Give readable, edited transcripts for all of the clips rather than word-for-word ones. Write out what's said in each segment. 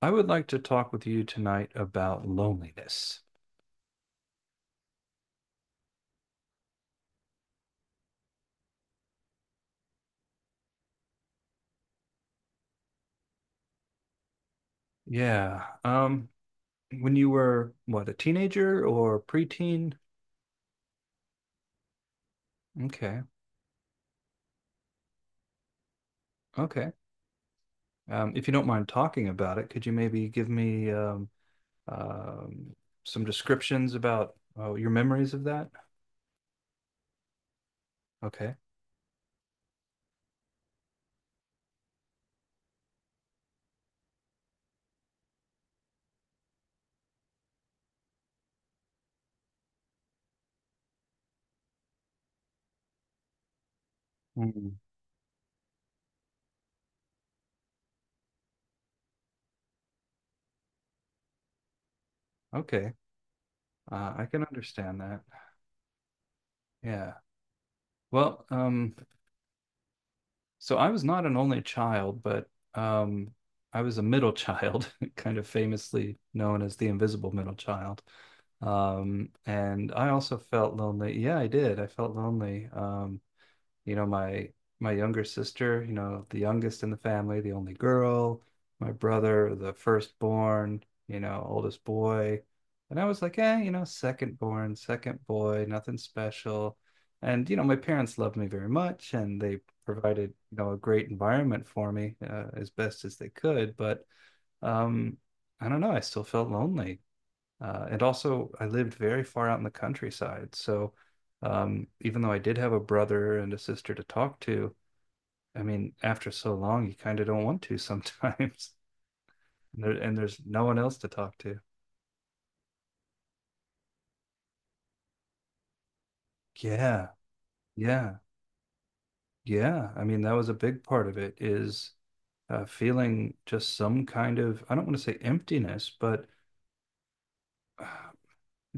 I would like to talk with you tonight about loneliness. Yeah. When you were what, a teenager or preteen? Okay. Okay. If you don't mind talking about it, could you maybe give me um, some descriptions about your memories of that? Okay. Mm. Okay. I can understand that. Yeah. Well, so I was not an only child, but um, I was a middle child, kind of famously known as the invisible middle child. And I also felt lonely. Yeah, I did. I felt lonely. You know, my my younger sister, the youngest in the family, the only girl; my brother, the firstborn, oldest boy. And I was like, second born, second boy, nothing special. And my parents loved me very much, and they provided, a great environment for me as best as they could. But um, I don't know, I still felt lonely. And also, I lived very far out in the countryside. So, even though I did have a brother and a sister to talk to, I mean, after so long, you kind of don't want to sometimes. And there's no one else to talk to. Yeah, yeah, yeah. I mean, that was a big part of it is feeling just some kind of, I don't want to say emptiness, but uh,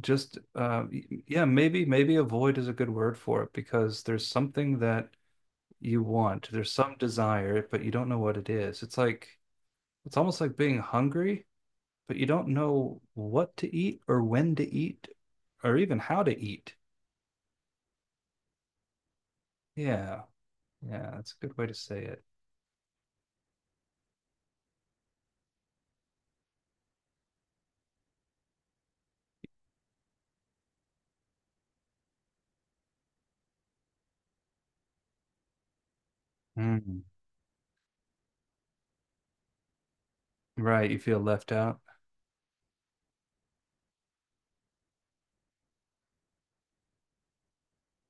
just, yeah, maybe a void is a good word for it, because there's something that you want. There's some desire, but you don't know what it is. It's almost like being hungry, but you don't know what to eat or when to eat or even how to eat. Yeah. Yeah, that's a good way to say it. Mm. Right, you feel left out.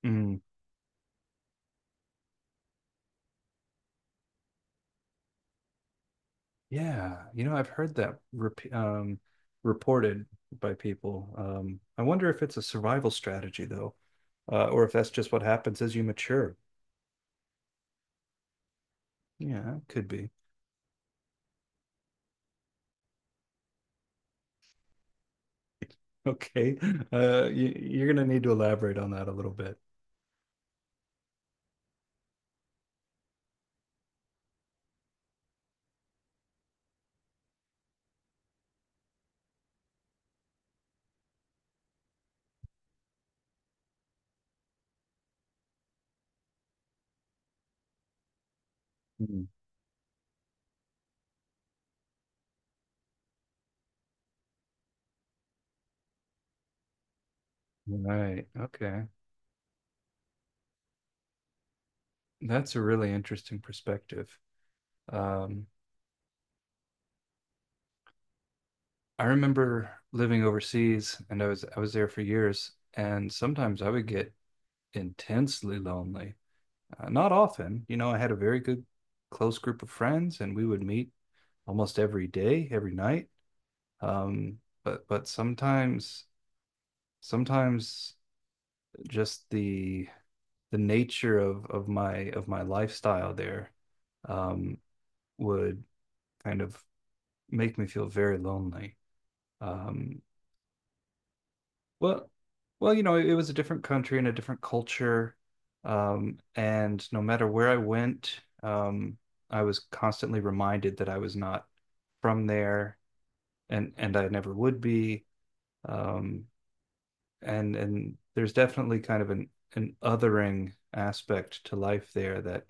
Mm. Yeah, I've heard that reported by people. I wonder if it's a survival strategy though, or if that's just what happens as you mature. Yeah, it could be. Okay. You're going to need to elaborate on that a little bit. Mm. Right. Okay. That's a really interesting perspective. Um, I remember living overseas, and I was there for years, and sometimes I would get intensely lonely. Not often. I had a very good close group of friends, and we would meet almost every day, every night. But sometimes just the nature of my lifestyle there um, would kind of make me feel very lonely. Um, well, well, it was a different country and a different culture, and no matter where I went, I was constantly reminded that I was not from there, and I never would be. Um, and there's definitely kind of an othering aspect to life there that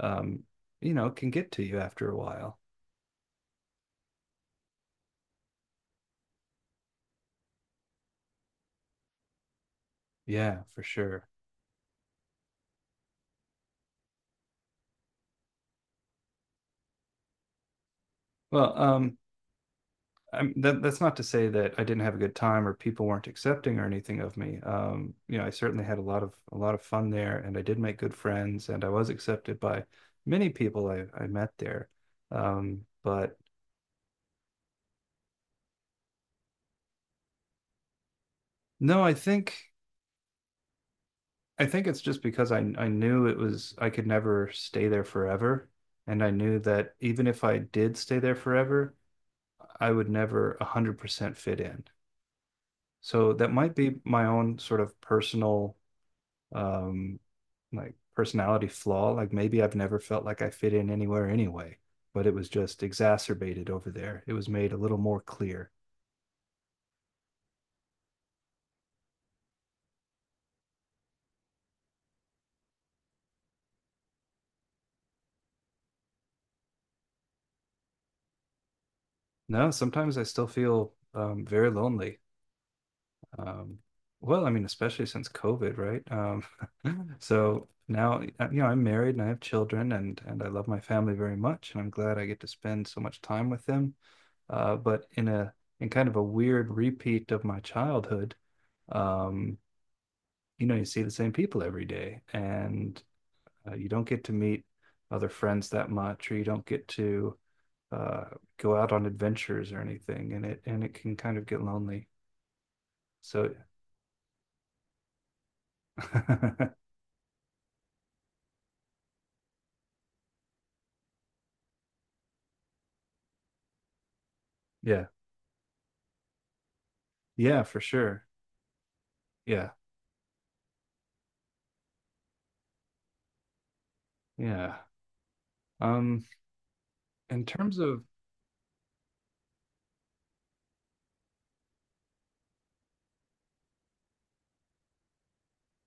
um can get to you after a while. Yeah, for sure. Well, that's not to say that I didn't have a good time, or people weren't accepting or anything of me. I certainly had a lot of fun there, and I did make good friends, and I was accepted by many people I met there. But no, I think it's just because I knew it was I could never stay there forever, and I knew that even if I did stay there forever, I would never 100% fit in. So that might be my own sort of personal um like personality flaw, like maybe I've never felt like I fit in anywhere anyway, but it was just exacerbated over there. It was made a little more clear. No, sometimes I still feel very lonely. Um, well, I mean, especially since COVID, right? So now, I'm married and I have children, and I love my family very much, and I'm glad I get to spend so much time with them. But in kind of a weird repeat of my childhood, um, you see the same people every day, and you don't get to meet other friends that much, or you don't get to uh, go out on adventures or anything, and it can kind of get lonely. So. Yeah, yeah, for sure. Yeah. Yeah. Um, in terms of,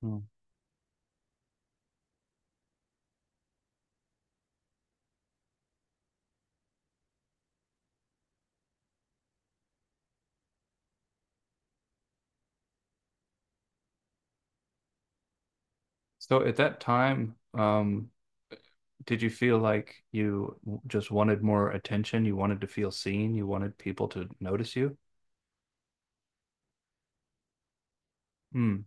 Hmm. So at that time, did you feel like you just wanted more attention? You wanted to feel seen? You wanted people to notice you? Hmm.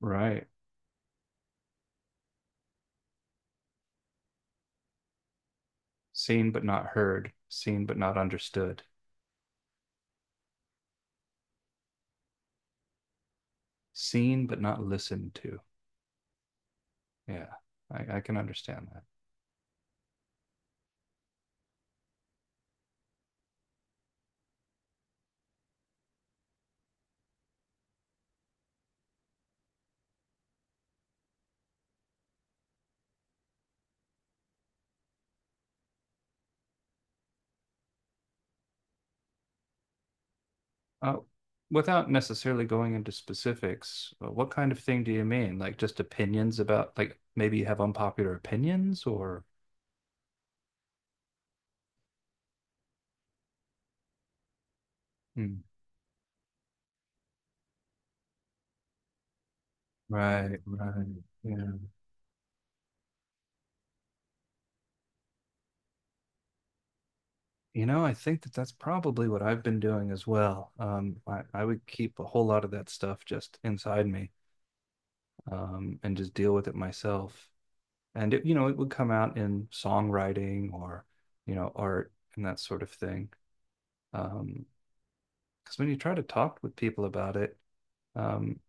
Right. Seen but not heard, seen but not understood, seen but not listened to. Yeah, I can understand that. Uh, Without necessarily going into specifics, what kind of thing do you mean? Like just opinions about, like maybe you have unpopular opinions or. Mm. Right, right. Yeah. I think that that's probably what I've been doing as well. I would keep a whole lot of that stuff just inside me, and just deal with it myself. And it would come out in songwriting or, art and that sort of thing. Um, because when you try to talk with people about it, um,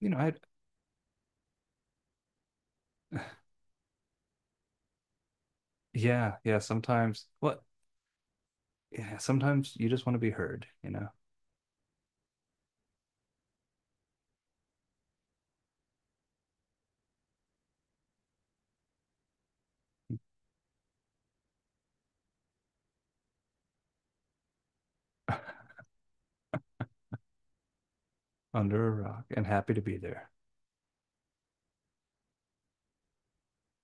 you know, I, yeah, yeah, sometimes you just want to be heard, under a rock and happy to be there.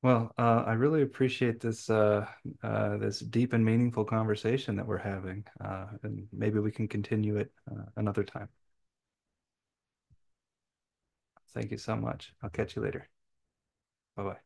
Well, I really appreciate this deep and meaningful conversation that we're having, and maybe we can continue it another time. Thank you so much. I'll catch you later. Bye bye.